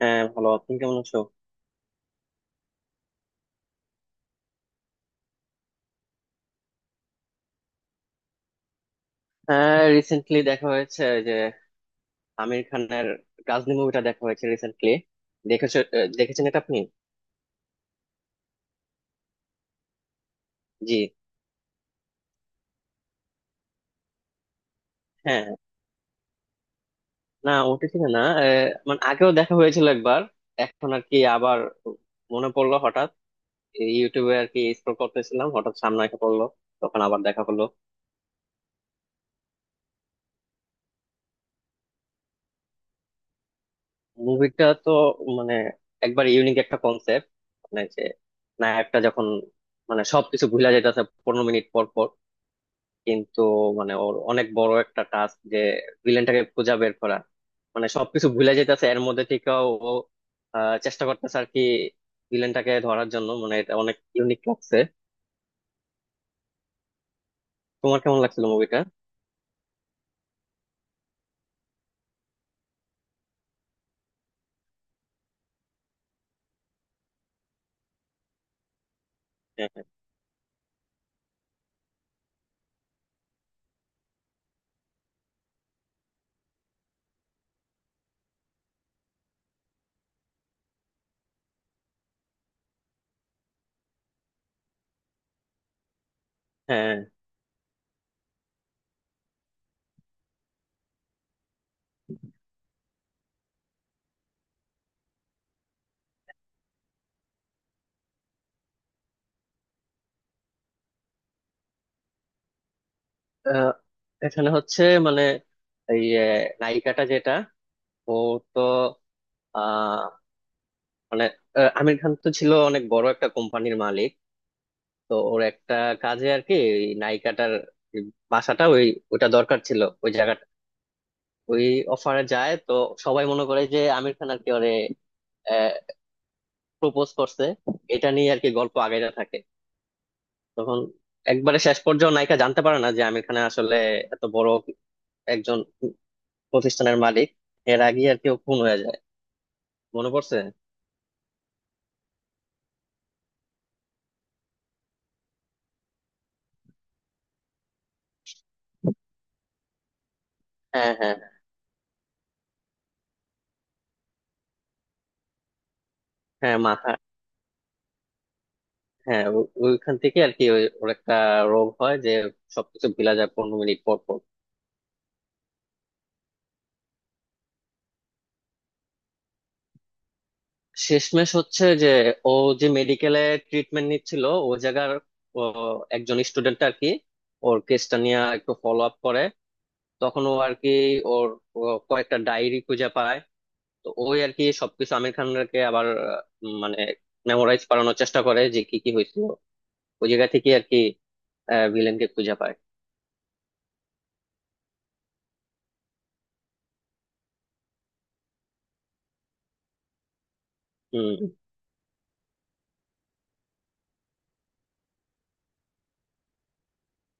হ্যাঁ, ভালো। আপনি কেমন আছো? হ্যাঁ, রিসেন্টলি দেখা হয়েছে ওই যে আমির খানের গাজনি মুভিটা দেখা হয়েছে রিসেন্টলি। দেখেছো দেখেছেন এটা আপনি? জি। হ্যাঁ, না ওটিটিতে না, মানে আগেও দেখা হয়েছিল একবার, এখন আর কি আবার মনে পড়লো হঠাৎ, এই ইউটিউবে আর কি স্ক্রল করতেছিলাম, হঠাৎ সামনে এসে পড়লো, তখন আবার দেখা হলো। মুভিটা তো মানে একবার ইউনিক একটা কনসেপ্ট, মানে যে নায়কটা যখন মানে সবকিছু ভুলা যাইতেছে 15 মিনিট পর পর, কিন্তু মানে ওর অনেক বড় একটা টাস্ক যে ভিলেনটাকে খুঁজে বের করা, মানে সবকিছু ভুলে যেতেছে এর মধ্যে থেকেও ও চেষ্টা করতেছে আর কি ভিলেনটাকে ধরার জন্য, মানে এটা অনেক ইউনিক লাগছে। তোমার কেমন লাগছিল মুভিটা? হ্যাঁ। হ্যাঁ। আহ, এখানে হচ্ছে মানে এই যে নায়িকাটা যেটা, ও তো আহ মানে, আমির খান তো ছিল অনেক বড় একটা কোম্পানির মালিক, তো ওর একটা কাজে আর কি এই নায়িকাটার বাসাটা ওই ওটা দরকার ছিল, ওই জায়গাটা ওই অফারে যায়, তো সবাই মনে করে যে আমির খান আর কি ওরে প্রপোজ করছে। এটা নিয়ে আর কি গল্প আগাইতে থাকে, তখন একবারে শেষ পর্যন্ত নায়িকা জানতে পারে না যে আমির খান আসলে এত বড় একজন প্রতিষ্ঠানের মালিক। এর আগে আর কি ও খুন হয়ে যায়। মনে পড়ছে। হ্যাঁ, হ্যাঁ, হ্যাঁ মাথা, হ্যাঁ ওইখান থেকে আর কি ওর একটা রোগ হয় যে সবকিছু ভুলা যায় 15 মিনিট পর পর। শেষমেশ হচ্ছে যে ও যে মেডিকেলে ট্রিটমেন্ট নিচ্ছিল, ও জায়গার ও একজন স্টুডেন্ট আর কি ওর কেসটা নিয়ে একটু ফলো আপ করে, তখন ও আর কি ওর ও কয়েকটা ডায়েরি খুঁজে পায়। তো ওই আর কি সবকিছু আমির খানকে আবার মানে মেমোরাইজ করানোর চেষ্টা করে যে কি কি হয়েছিল, ওই জায়গা থেকে আর কি ভিলেনকে খুঁজে পায়। হম।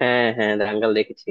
হ্যাঁ, হ্যাঁ, দাঙ্গাল দেখেছি।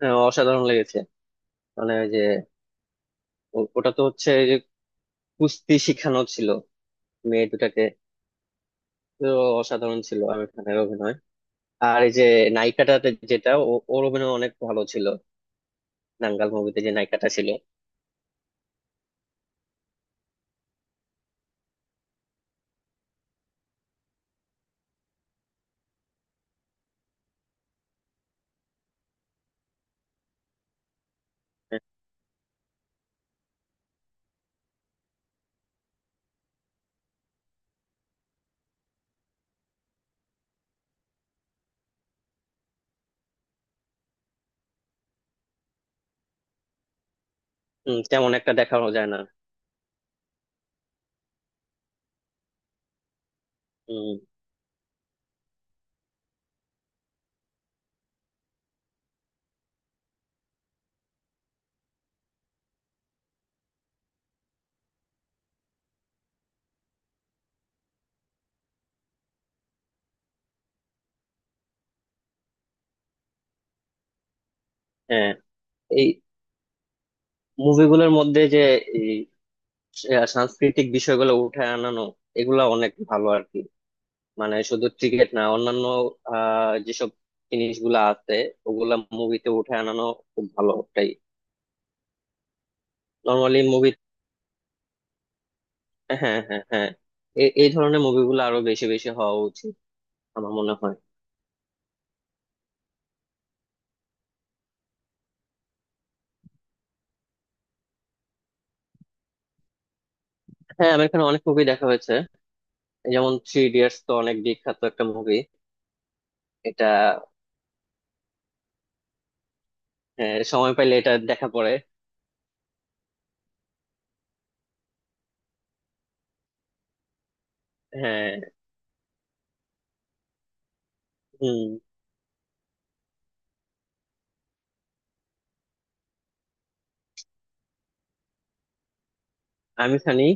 হ্যাঁ, অসাধারণ লেগেছে, মানে ওই যে ওটা তো হচ্ছে যে কুস্তি শিখানো ছিল মেয়ে দুটাকে, তো অসাধারণ ছিল আমির খানের অভিনয়। আর এই যে নায়িকাটাতে যেটা ওর অভিনয় অনেক ভালো ছিল দাঙ্গাল মুভিতে যে নায়িকাটা ছিল। হম, তেমন একটা দেখানো যায় না। হম। হ্যাঁ, এই মুভিগুলোর মধ্যে যে এই সাংস্কৃতিক বিষয়গুলো উঠে আনানো এগুলা অনেক ভালো আর কি, মানে শুধু ক্রিকেট না, অন্যান্য যেসব জিনিসগুলো আছে ওগুলা মুভিতে উঠে আনানো খুব ভালো। তাই নর্মালি মুভি, হ্যাঁ, হ্যাঁ, হ্যাঁ এই এই ধরনের মুভিগুলো আরো বেশি বেশি হওয়া উচিত আমার মনে হয়। হ্যাঁ, আমার এখানে অনেক মুভি দেখা হয়েছে, যেমন 3 Idiots তো অনেক বিখ্যাত একটা মুভি। এটা হ্যাঁ, সময় পাইলে এটা দেখা পড়ে। হ্যাঁ। হুম। আমির খানই।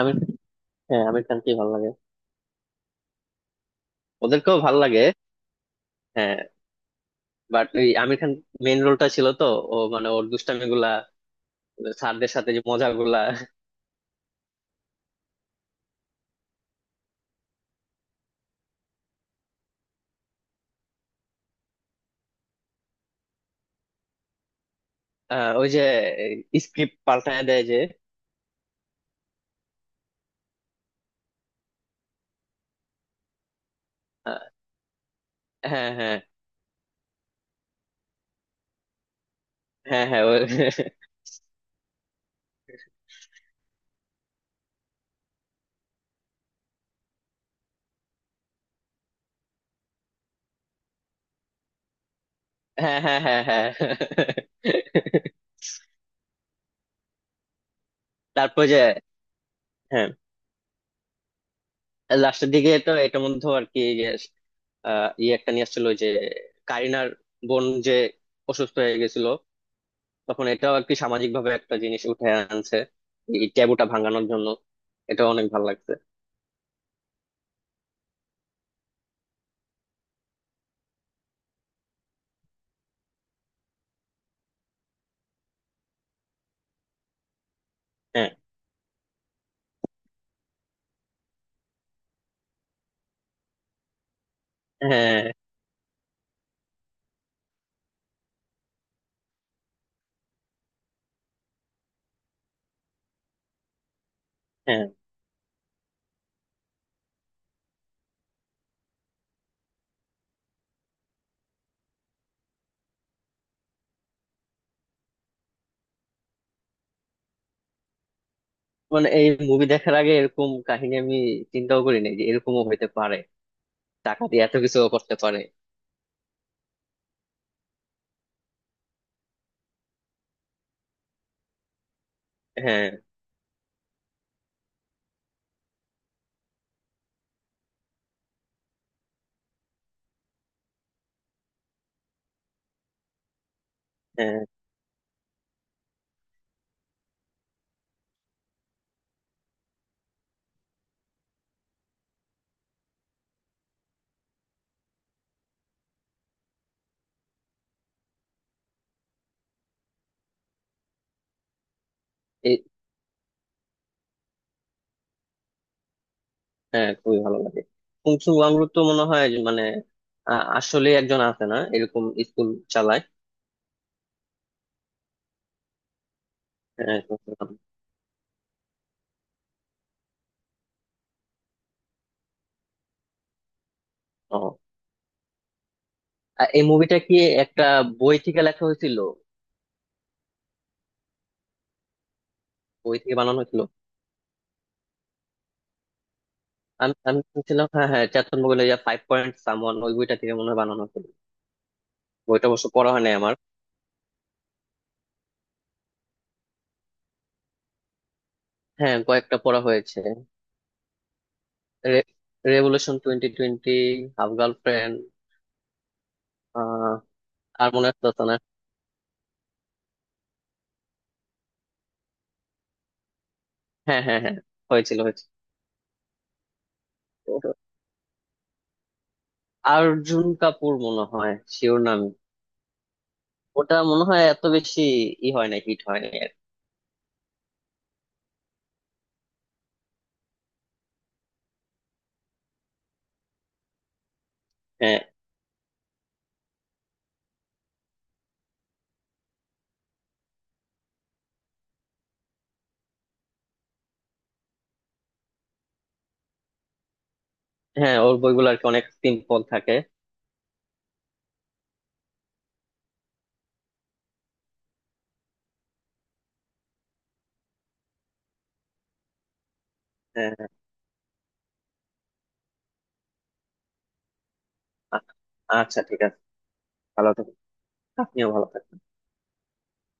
আমির, হ্যাঁ আমির খানকেই ভালো লাগে। ওদেরকেও ভালো লাগে, হ্যাঁ, বাট ওই আমির খান মেইন রোলটা ছিল তো, ও মানে ওর দুষ্টামি গুলা, স্যারদের সাথে যে মজা গুলা। ওই যে স্ক্রিপ্ট পাল্টায় দেয় যে। আহ, হ্যাঁ, হ্যাঁ, হ্যাঁ, হ্যাঁ ওই, হ্যাঁ, হ্যাঁ, হ্যাঁ, হ্যাঁ, হ্যাঁ, হ্যাঁ, হ্যাঁ, হ্যাঁ, হ্যাঁ, হ্যাঁ। তারপর যে, হ্যাঁ লাস্টের দিকে তো এটার মধ্যে আর কি যে, ইয়ে একটা নিয়ে আসছিল ওই যে কারিনার বোন যে অসুস্থ হয়ে গেছিল, তখন এটাও আর কি সামাজিক ভাবে একটা জিনিস উঠে আনছে এই ট্যাবুটা ভাঙানোর জন্য, এটা অনেক ভালো লাগছে। হ্যাঁ, হ্যাঁ, হ্যাঁ মানে এই মুভি দেখার আগে এরকম কাহিনী আমি চিন্তাও করি নাই যে এরকমও হইতে পারে, টাকা দিয়ে এত কিছু করতে পারে। হ্যাঁ, হ্যাঁ এই, হ্যাঁ খুবই ভালো লাগে। কুংসু ওয়াংরুক তো মনে হয় যে মানে আ- আসলে একজন আছে না এরকম, স্কুল চালায়। হ্যাঁ, শুনছিলাম। ও, আর এই মুভিটা কি একটা বই থেকে লেখা হয়েছিল, বই থেকে বানানো হয়েছিল? আমি আমি শুনছিলাম, হ্যাঁ হ্যাঁ চেতন ভগতের Five Point Someone ওই বইটা থেকে মনে হয় বানানো হয়েছিল। বইটা অবশ্য পড়া হয় নাই আমার। হ্যাঁ, কয়েকটা পড়া হয়েছে। Revolution 2020, Half Girlfriend, আহ আর মনে আসতেছে না। হ্যাঁ, হ্যাঁ, হ্যাঁ, হয়েছিল হয়েছিল ও- অর্জুন কাপুর মনে হয়, শিওর নাম। ওটা মনে হয় এত বেশি ই হয় না, হিট হয় না। হ্যাঁ, হ্যাঁ ওর বইগুলো আর কি অনেক সিম্পল থাকে। হ্যাঁ, আ- আচ্ছা ঠিক আছে। ভালো থাকুন, আপনিও ভালো থাকুন।